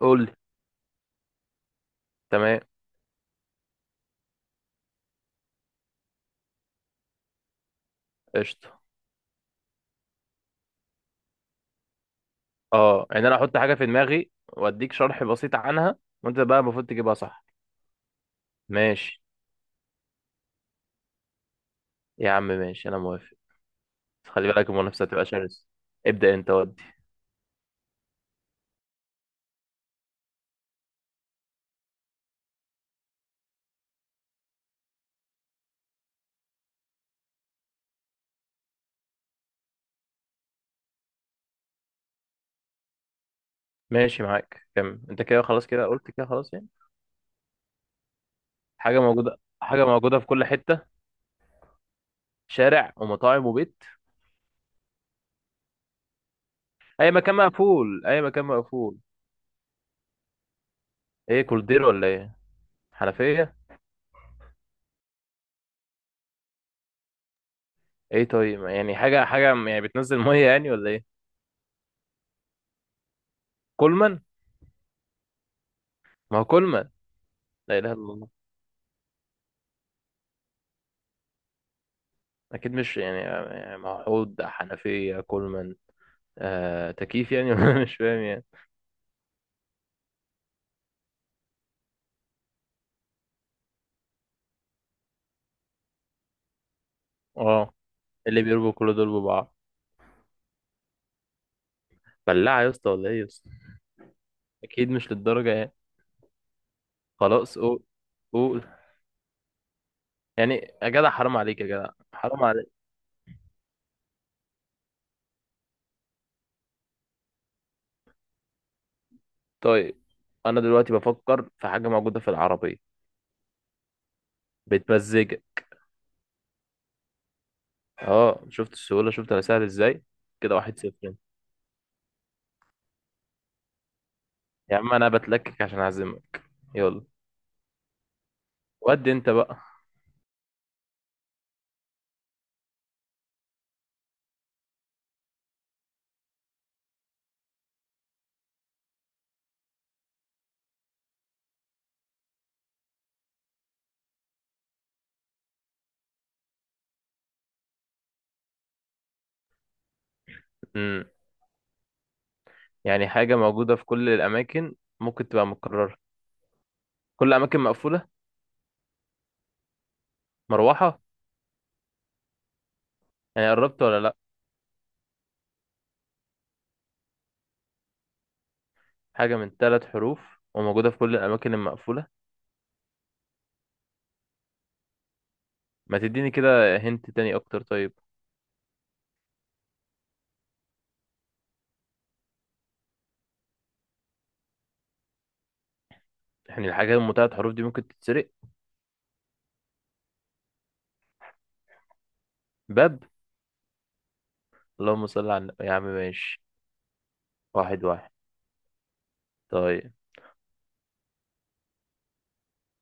قول لي. تمام. قشطه. اه، يعني انا احط حاجه في دماغي واديك شرح بسيط عنها. وانت بقى المفروض تجيبها صح. ماشي يا عم، ماشي انا موافق. بس خلي بالك المنافسه هتبقى شرسه. ابدا انت ودي. ماشي معاك، كمل انت كده. خلاص كده قلت كده، خلاص يعني. حاجه موجوده، حاجه موجوده في كل حته. شارع ومطاعم وبيت. اي مكان مقفول، اي مكان مقفول. ايه، كولدير ولا ايه؟ حنفيه. ايه؟ طيب يعني حاجه حاجه يعني بتنزل ميه يعني ولا ايه؟ كولمان. ما هو كولمان. لا اله الا الله. اكيد مش يعني موحود حنفية كولمان. آه، تكييف يعني ولا مش فاهم يعني. اه. اللي بيربوا كل دول ببعض. بلاعة يا اسطى، ولا ايه يا اسطى؟ اكيد مش للدرجة يعني. خلاص قول. قول. يعني. يا جدع حرام عليك يا جدع. حرام عليك. طيب. انا دلوقتي بفكر في حاجة موجودة في العربية. بتمزجك. اه، شفت السهولة؟ شفت انا سهل ازاي؟ كده 1-0 انت. يا عم انا بتلكك عشان اعزمك. يلا، ودي انت بقى. يعني حاجة موجودة في كل الأماكن. ممكن تبقى متكررة. كل أماكن مقفولة. مروحة. يعني قربت ولا لأ؟ حاجة من 3 حروف وموجودة في كل الأماكن المقفولة. ما تديني كده هنت تاني أكتر طيب. يعني الحاجات من 3 حروف دي ممكن تتسرق؟ باب. اللهم صل على النبي يا عم، ماشي. واحد واحد. طيب.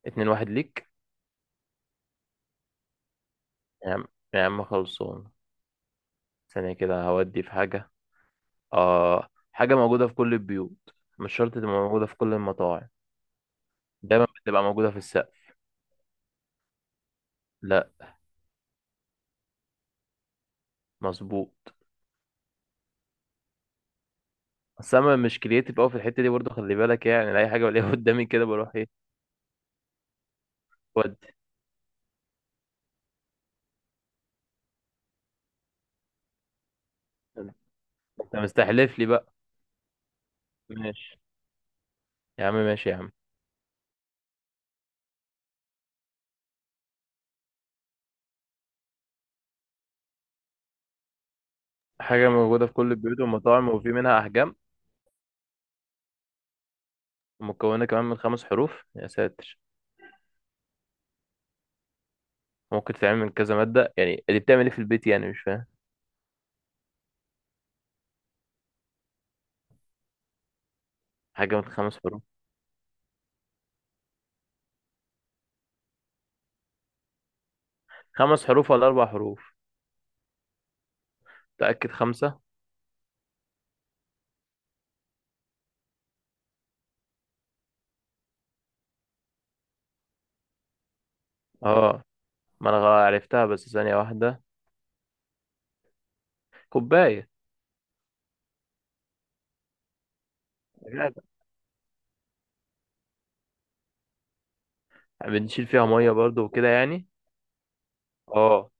2-1 ليك. يا عم، يا عم خلصان. ثانية كده هودي في حاجة. آه، حاجة موجودة في كل البيوت. مش شرط تبقى موجودة في كل المطاعم. دايما بتبقى موجودة في السقف. لأ. مظبوط. بس انا مش كرييتيف قوي في الحته دي برضو، خلي بالك يعني اي حاجه بلاقيها قدامي كده بروح ايه. ودي. انت مستحلف لي بقى. ماشي. يا عم ماشي يا عم. حاجه موجوده في كل البيوت والمطاعم وفي منها احجام. مكونه كمان من 5 حروف يا ساتر. ممكن تتعمل من كذا ماده، يعني اللي بتعمل ايه في البيت؟ يعني مش فاهم. حاجه من 5 حروف. 5 حروف ولا 4 حروف؟ متاكد خمسه. اه، ما انا عرفتها، بس ثانيه واحده. كوبايه. بنشيل فيها ميه برضو وكده يعني. اه.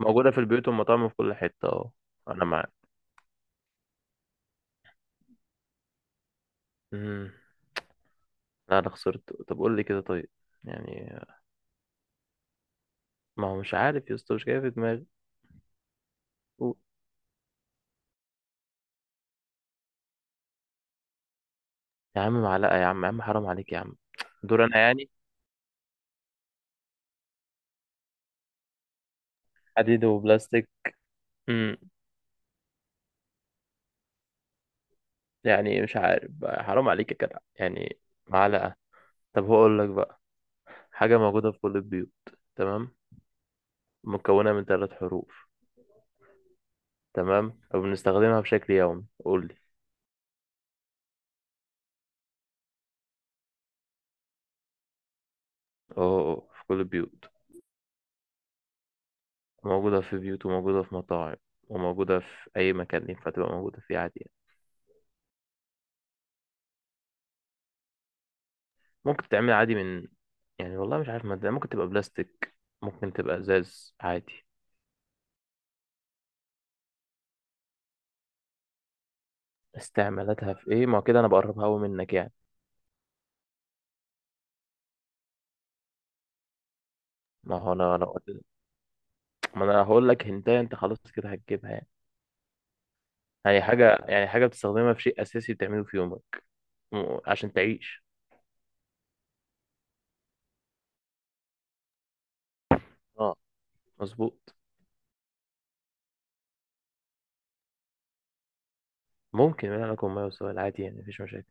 موجوده في البيوت والمطاعم وفي كل حته. اه، انا معاك. امم. لا انا خسرت. طب قول لي كده طيب يعني. ما هو مش عارف يا اسطى، مش جاي في دماغي. قول. يا عم معلقه يا عم، يا عم حرام عليك يا عم. دور انا يعني. حديد وبلاستيك. امم. يعني مش عارف بقى، حرام عليك يا جدع يعني. معلقه. طب هو اقول لك بقى. حاجه موجوده في كل البيوت. تمام. مكونه من 3 حروف. تمام وبنستخدمها بشكل يومي. قول لي. اه. آه، في كل البيوت. موجوده في بيوت وموجوده في مطاعم وموجوده في اي مكان ينفع تبقى موجوده فيه عادي يعني. ممكن تتعمل عادي من، يعني والله مش عارف مادة. ممكن تبقى بلاستيك. ممكن تبقى ازاز عادي. استعمالاتها في ايه؟ ما هو كده انا بقربها قوي منك يعني. ما هو انا لو قلت. ما انا هقول لك هنتايه، انت خلاص كده هتجيبها يعني. يعني حاجة، يعني حاجة بتستخدمها في شيء اساسي بتعمله في يومك عشان تعيش. اه، مظبوط. ممكن من لكم ما وسؤال عادي يعني مفيش مشاكل.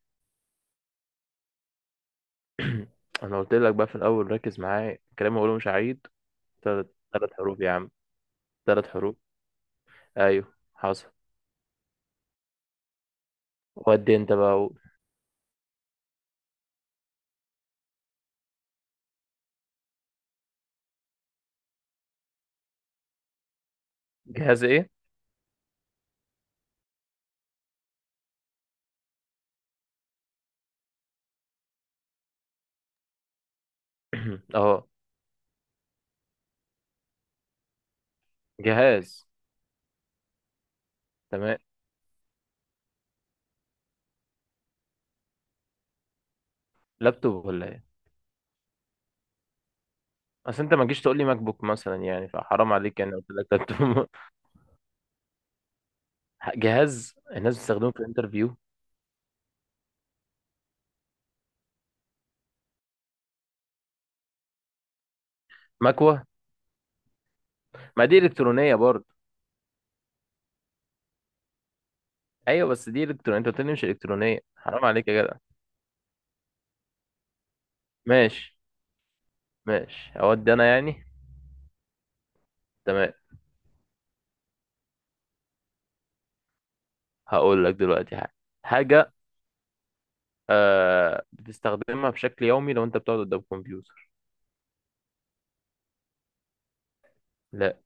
انا قلت لك بقى في الاول، ركز معايا الكلام اللي هقوله مش عيد. ثلاث. ثلاث حروف يا عم. 3 حروف. ايوه حصل. ودي انت بقى. قول. جهاز ايه؟ اه، جهاز. تمام. لابتوب ولا ايه؟ اصل انت ما جيش تقول لي ماك بوك مثلا يعني، فحرام عليك يعني، قلت لك لابتوب. جهاز الناس بتستخدمه في الانترفيو. مكوه. ما دي الكترونيه برضه. ايوه بس دي الكترونيه، انت قلت لي مش الكترونيه، حرام عليك يا جدع. ماشي. ماشي اودي انا يعني. تمام. هقول لك دلوقتي حاجه. حاجه. آه، بتستخدمها بشكل يومي لو انت بتقعد قدام كمبيوتر. لا.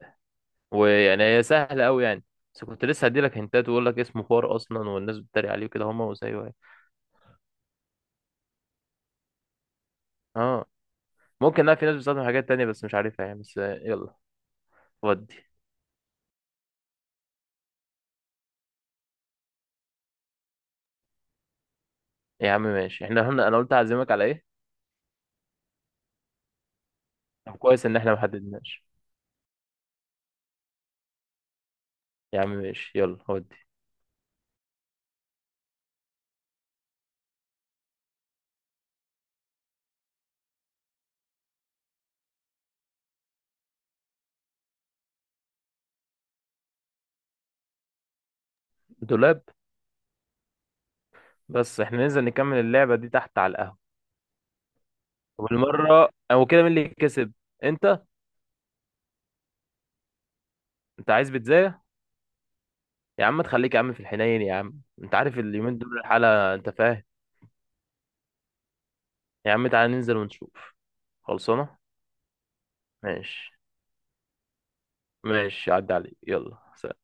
ويعني هي سهله قوي يعني. بس كنت لسه هدي لك هنتات واقول لك اسمه خوار اصلا، والناس بتتريق عليه كده هم وزيه يعني. اه. ممكن. لا، في ناس بتستخدم حاجات تانية بس مش عارفها يعني. بس آه، يلا. ودي. يا عم ماشي احنا هنا، انا قلت اعزمك على ايه؟ طب كويس ان احنا ما حددناش. يا عم ماشي، يلا ودي. دولاب. بس احنا ننزل نكمل اللعبه دي تحت على القهوه. وبالمره، او كده مين اللي كسب؟ انت. انت عايز بيتزا؟ يا عم تخليك يا عم في الحنين، يا عم انت عارف اليومين دول الحاله، انت فاهم. يا عم تعالى ننزل ونشوف. خلصانه. ماشي. ماشي عدى عليك، يلا سلام.